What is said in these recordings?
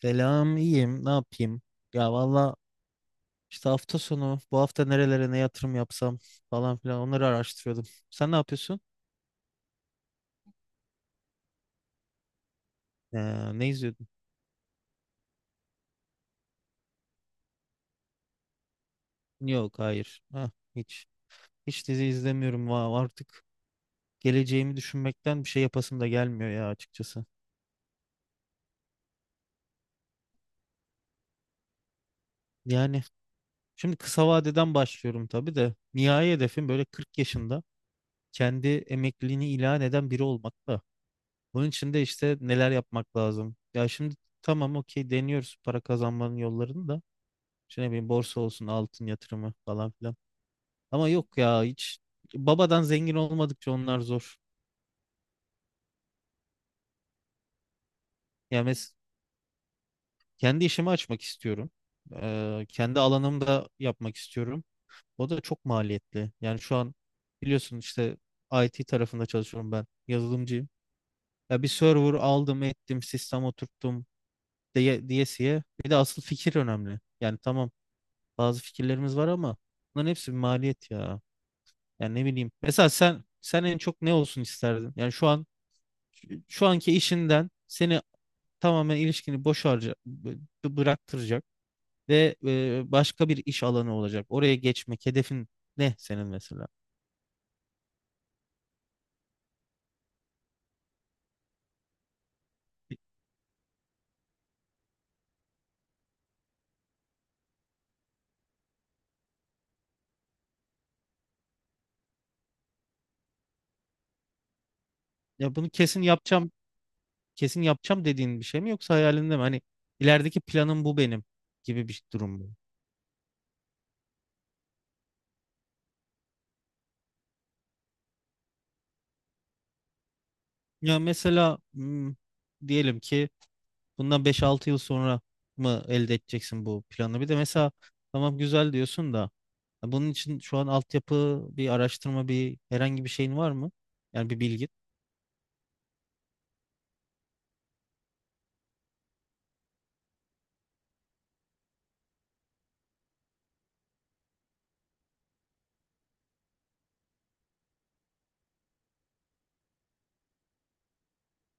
Selam, iyiyim. Ne yapayım? Ya valla işte hafta sonu bu hafta nerelere ne yatırım yapsam falan filan onları araştırıyordum. Sen ne yapıyorsun? Ne izliyordun? Yok, hayır. Ha, hiç. Hiç dizi izlemiyorum. Artık geleceğimi düşünmekten bir şey yapasım da gelmiyor ya açıkçası. Yani şimdi kısa vadeden başlıyorum tabii de. Nihai hedefim böyle 40 yaşında kendi emekliliğini ilan eden biri olmak da. Bunun için de işte neler yapmak lazım? Ya şimdi tamam okey deniyoruz para kazanmanın yollarını da. İşte ne bileyim borsa olsun altın yatırımı falan filan. Ama yok ya hiç babadan zengin olmadıkça onlar zor. Yani kendi işimi açmak istiyorum. Kendi alanımda yapmak istiyorum. O da çok maliyetli. Yani şu an biliyorsun işte IT tarafında çalışıyorum ben. Yazılımcıyım. Ya bir server aldım ettim sistem oturttum diyesiye. Bir de asıl fikir önemli. Yani tamam bazı fikirlerimiz var ama bunların hepsi bir maliyet ya. Yani ne bileyim. Mesela sen en çok ne olsun isterdin? Yani şu an şu anki işinden seni tamamen ilişkini boş harca bıraktıracak ve başka bir iş alanı olacak. Oraya geçmek hedefin ne senin mesela? Ya bunu kesin yapacağım, kesin yapacağım dediğin bir şey mi yoksa hayalinde mi? Hani ilerideki planım bu benim gibi bir durum mu? Ya mesela diyelim ki bundan 5-6 yıl sonra mı elde edeceksin bu planı? Bir de mesela tamam güzel diyorsun da ya bunun için şu an altyapı, bir araştırma, bir herhangi bir şeyin var mı? Yani bir bilgin.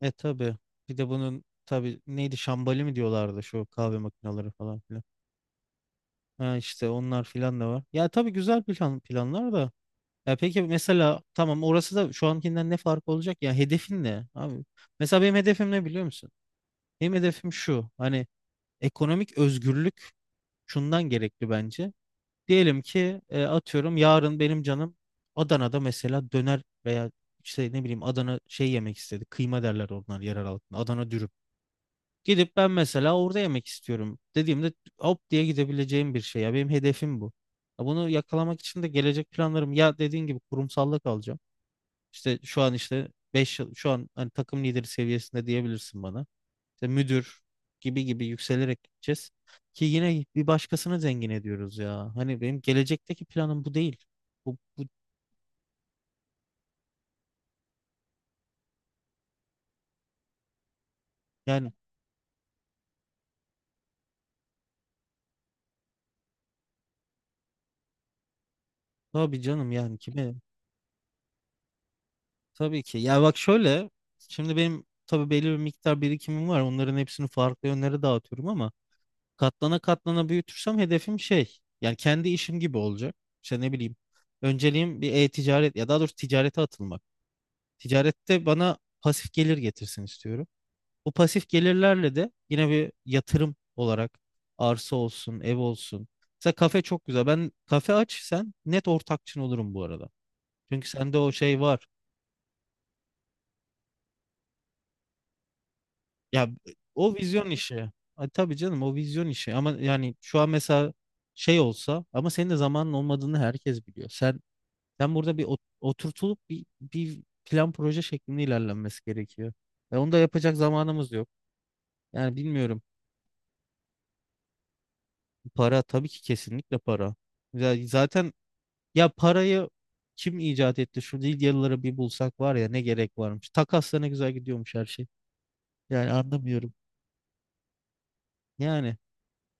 E, tabii. Bir de bunun tabii neydi şambali mi diyorlardı şu kahve makineleri falan filan. Ha, işte onlar filan da var. Ya tabii güzel plan, planlar da. Ya peki mesela tamam orası da şu ankinden ne fark olacak? Ya hedefin ne abi? Mesela benim hedefim ne biliyor musun? Benim hedefim şu. Hani ekonomik özgürlük şundan gerekli bence. Diyelim ki atıyorum yarın benim canım Adana'da mesela döner veya işte ne bileyim Adana şey yemek istedi. Kıyma derler onlar yerel halkında. Adana dürüm. Gidip ben mesela orada yemek istiyorum dediğimde hop diye gidebileceğim bir şey. Ya benim hedefim bu. Ya bunu yakalamak için de gelecek planlarım ya dediğin gibi kurumsallık alacağım. İşte şu an işte 5 yıl şu an hani takım lideri seviyesinde diyebilirsin bana işte müdür gibi gibi yükselerek gideceğiz. Ki yine bir başkasını zengin ediyoruz ya. Hani benim gelecekteki planım bu değil. Bu, bu Yani tabii canım yani kime? Tabii ki. Ya bak şöyle şimdi benim tabii belli bir miktar birikimim var. Onların hepsini farklı yönlere dağıtıyorum ama katlana katlana büyütürsem hedefim şey yani kendi işim gibi olacak. İşte ne bileyim önceliğim bir e-ticaret ya daha doğrusu ticarete atılmak. Ticarette bana pasif gelir getirsin istiyorum. Bu pasif gelirlerle de yine bir yatırım olarak arsa olsun, ev olsun. Mesela kafe çok güzel. Ben kafe aç sen net ortakçın olurum bu arada. Çünkü sende o şey var. Ya o vizyon işi. Ha, tabii canım o vizyon işi. Ama yani şu an mesela şey olsa ama senin de zamanın olmadığını herkes biliyor. Sen burada bir oturtulup bir plan proje şeklinde ilerlenmesi gerekiyor. Ve onu da yapacak zamanımız yok. Yani bilmiyorum. Para tabii ki kesinlikle para. Ya Zaten Ya parayı kim icat etti? Şu Lidyalıları bir bulsak var ya ne gerek varmış. Takasla ne güzel gidiyormuş her şey. Yani anlamıyorum. Yani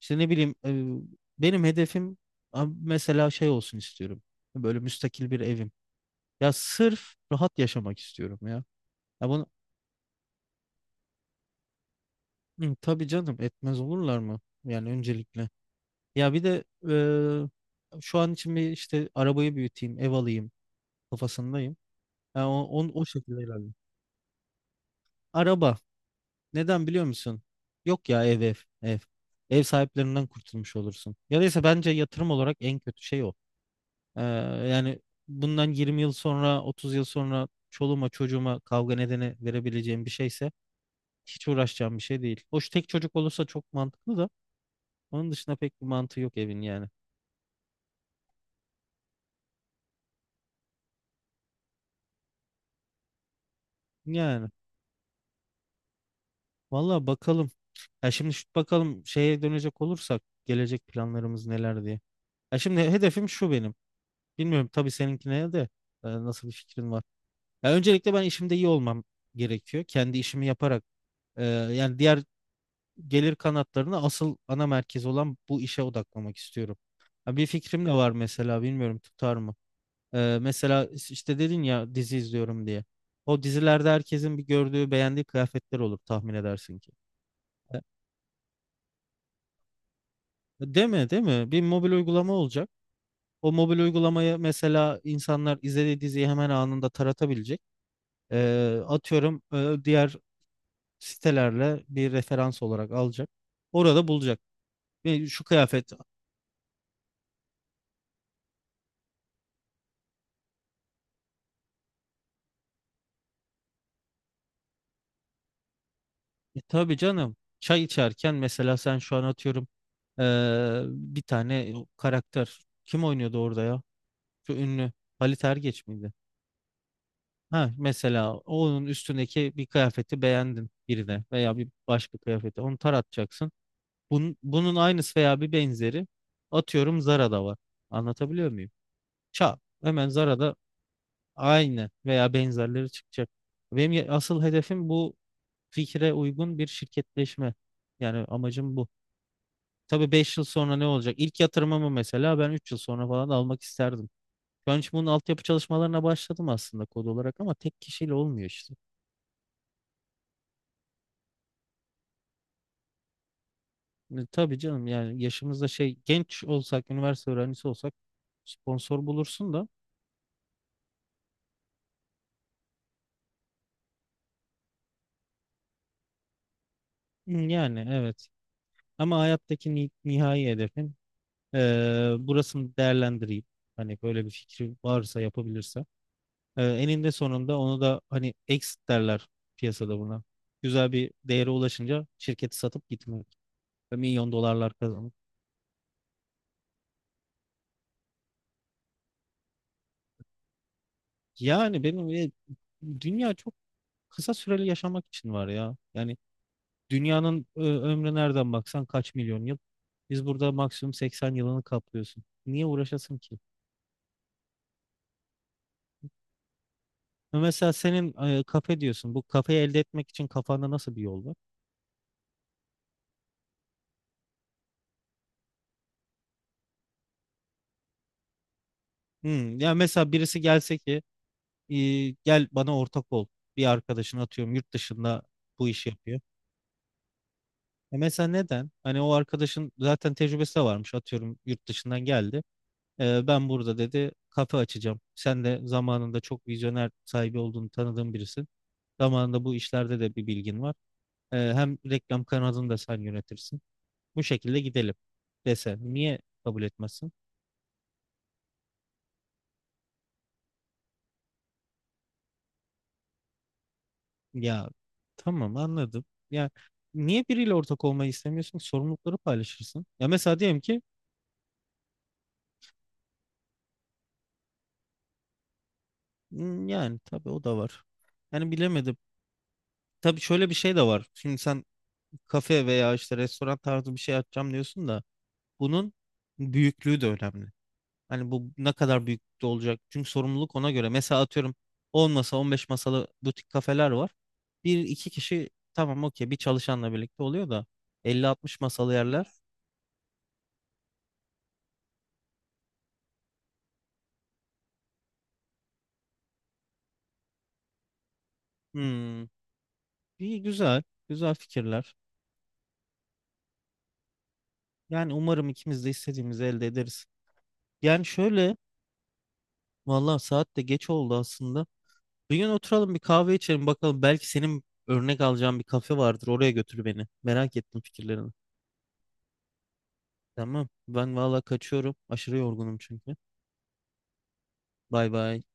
işte ne bileyim benim hedefim mesela şey olsun istiyorum. Böyle müstakil bir evim. Ya sırf rahat yaşamak istiyorum ya. Ya bunu Hı, tabii canım etmez olurlar mı? Yani öncelikle. Ya bir de şu an için bir işte arabayı büyüteyim, ev alayım kafasındayım. Ya o şekilde ilerliyorum. Araba. Neden biliyor musun? Yok ya ev ev ev. Ev sahiplerinden kurtulmuş olursun. Ya da ise bence yatırım olarak en kötü şey o. Ee, Yani bundan 20 yıl sonra 30 yıl sonra çoluğuma çocuğuma kavga nedeni verebileceğim bir şeyse hiç uğraşacağım bir şey değil. Hoş tek çocuk olursa çok mantıklı da onun dışında pek bir mantığı yok evin yani. Yani valla bakalım. Ya şimdi bakalım şeye dönecek olursak gelecek planlarımız neler diye. Ya şimdi hedefim şu benim. Bilmiyorum tabii seninkine de nasıl bir fikrin var. Ya öncelikle ben işimde iyi olmam gerekiyor. Kendi işimi yaparak yani diğer gelir kanatlarını asıl ana merkez olan bu işe odaklamak istiyorum. Ha, bir fikrim de var mesela bilmiyorum tutar mı? E, mesela işte dedin ya dizi izliyorum diye. O dizilerde herkesin bir gördüğü beğendiği kıyafetler olur tahmin edersin ki. E, değil mi değil mi? Bir mobil uygulama olacak. O mobil uygulamayı mesela insanlar izlediği diziyi hemen anında taratabilecek. E, atıyorum diğer sitelerle bir referans olarak alacak. Orada bulacak. Ve şu kıyafet. E, tabii canım. Çay içerken mesela sen şu an atıyorum bir tane karakter kim oynuyordu orada ya? Şu ünlü Halit Ergenç miydi? Ha, mesela onun üstündeki bir kıyafeti beğendin birine veya bir başka kıyafeti onu taratacaksın. Bunun aynısı veya bir benzeri atıyorum Zara'da var. Anlatabiliyor muyum? Çal. Hemen Zara'da aynen veya benzerleri çıkacak. Benim asıl hedefim bu fikre uygun bir şirketleşme. Yani amacım bu. Tabii 5 yıl sonra ne olacak? İlk yatırımımı mesela ben 3 yıl sonra falan almak isterdim. Şu an için bunun altyapı çalışmalarına başladım aslında kod olarak ama tek kişiyle olmuyor işte. E, tabii canım yani yaşımızda şey genç olsak, üniversite öğrencisi olsak sponsor bulursun da. Hı, yani evet. Ama hayattaki nihai hedefim e, burasını değerlendireyim. Hani böyle bir fikri varsa yapabilirsem eninde sonunda onu da hani exit derler piyasada buna. Güzel bir değere ulaşınca şirketi satıp gitmek. Ve milyon dolarlar kazanmak. Yani benim dünya çok kısa süreli yaşamak için var ya. Yani dünyanın ömrü nereden baksan kaç milyon yıl. Biz burada maksimum 80 yılını kaplıyorsun. Niye uğraşasın ki? Mesela senin kafe diyorsun. Bu kafeyi elde etmek için kafanda nasıl bir yol var? Ya mesela birisi gelse ki e, gel bana ortak ol. Bir arkadaşın atıyorum yurt dışında bu işi yapıyor. E, mesela neden? Hani o arkadaşın zaten tecrübesi de varmış atıyorum yurt dışından geldi. E, ben burada dedi kafe açacağım. Sen de zamanında çok vizyoner sahibi olduğunu tanıdığım birisin. Zamanında bu işlerde de bir bilgin var. E, hem reklam kanalını da sen yönetirsin. Bu şekilde gidelim dese niye kabul etmezsin? Ya tamam anladım. Ya niye biriyle ortak olmayı istemiyorsun? Sorumlulukları paylaşırsın. Ya mesela diyelim ki. Yani tabii o da var. Yani bilemedim. Tabii şöyle bir şey de var. Şimdi sen kafe veya işte restoran tarzı bir şey açacağım diyorsun da bunun büyüklüğü de önemli. Hani bu ne kadar büyüklükte olacak? Çünkü sorumluluk ona göre. Mesela atıyorum 10 masa 15 masalı butik kafeler var. Bir iki kişi tamam okey bir çalışanla birlikte oluyor da 50-60 masalı yerler. Hmm, iyi güzel. Güzel fikirler. Yani umarım ikimiz de istediğimizi elde ederiz. Yani şöyle. Vallahi saat de geç oldu aslında. Bir gün oturalım bir kahve içelim bakalım. Belki senin örnek alacağın bir kafe vardır. Oraya götür beni. Merak ettim fikirlerini. Tamam. Ben valla kaçıyorum. Aşırı yorgunum çünkü. Bay bay.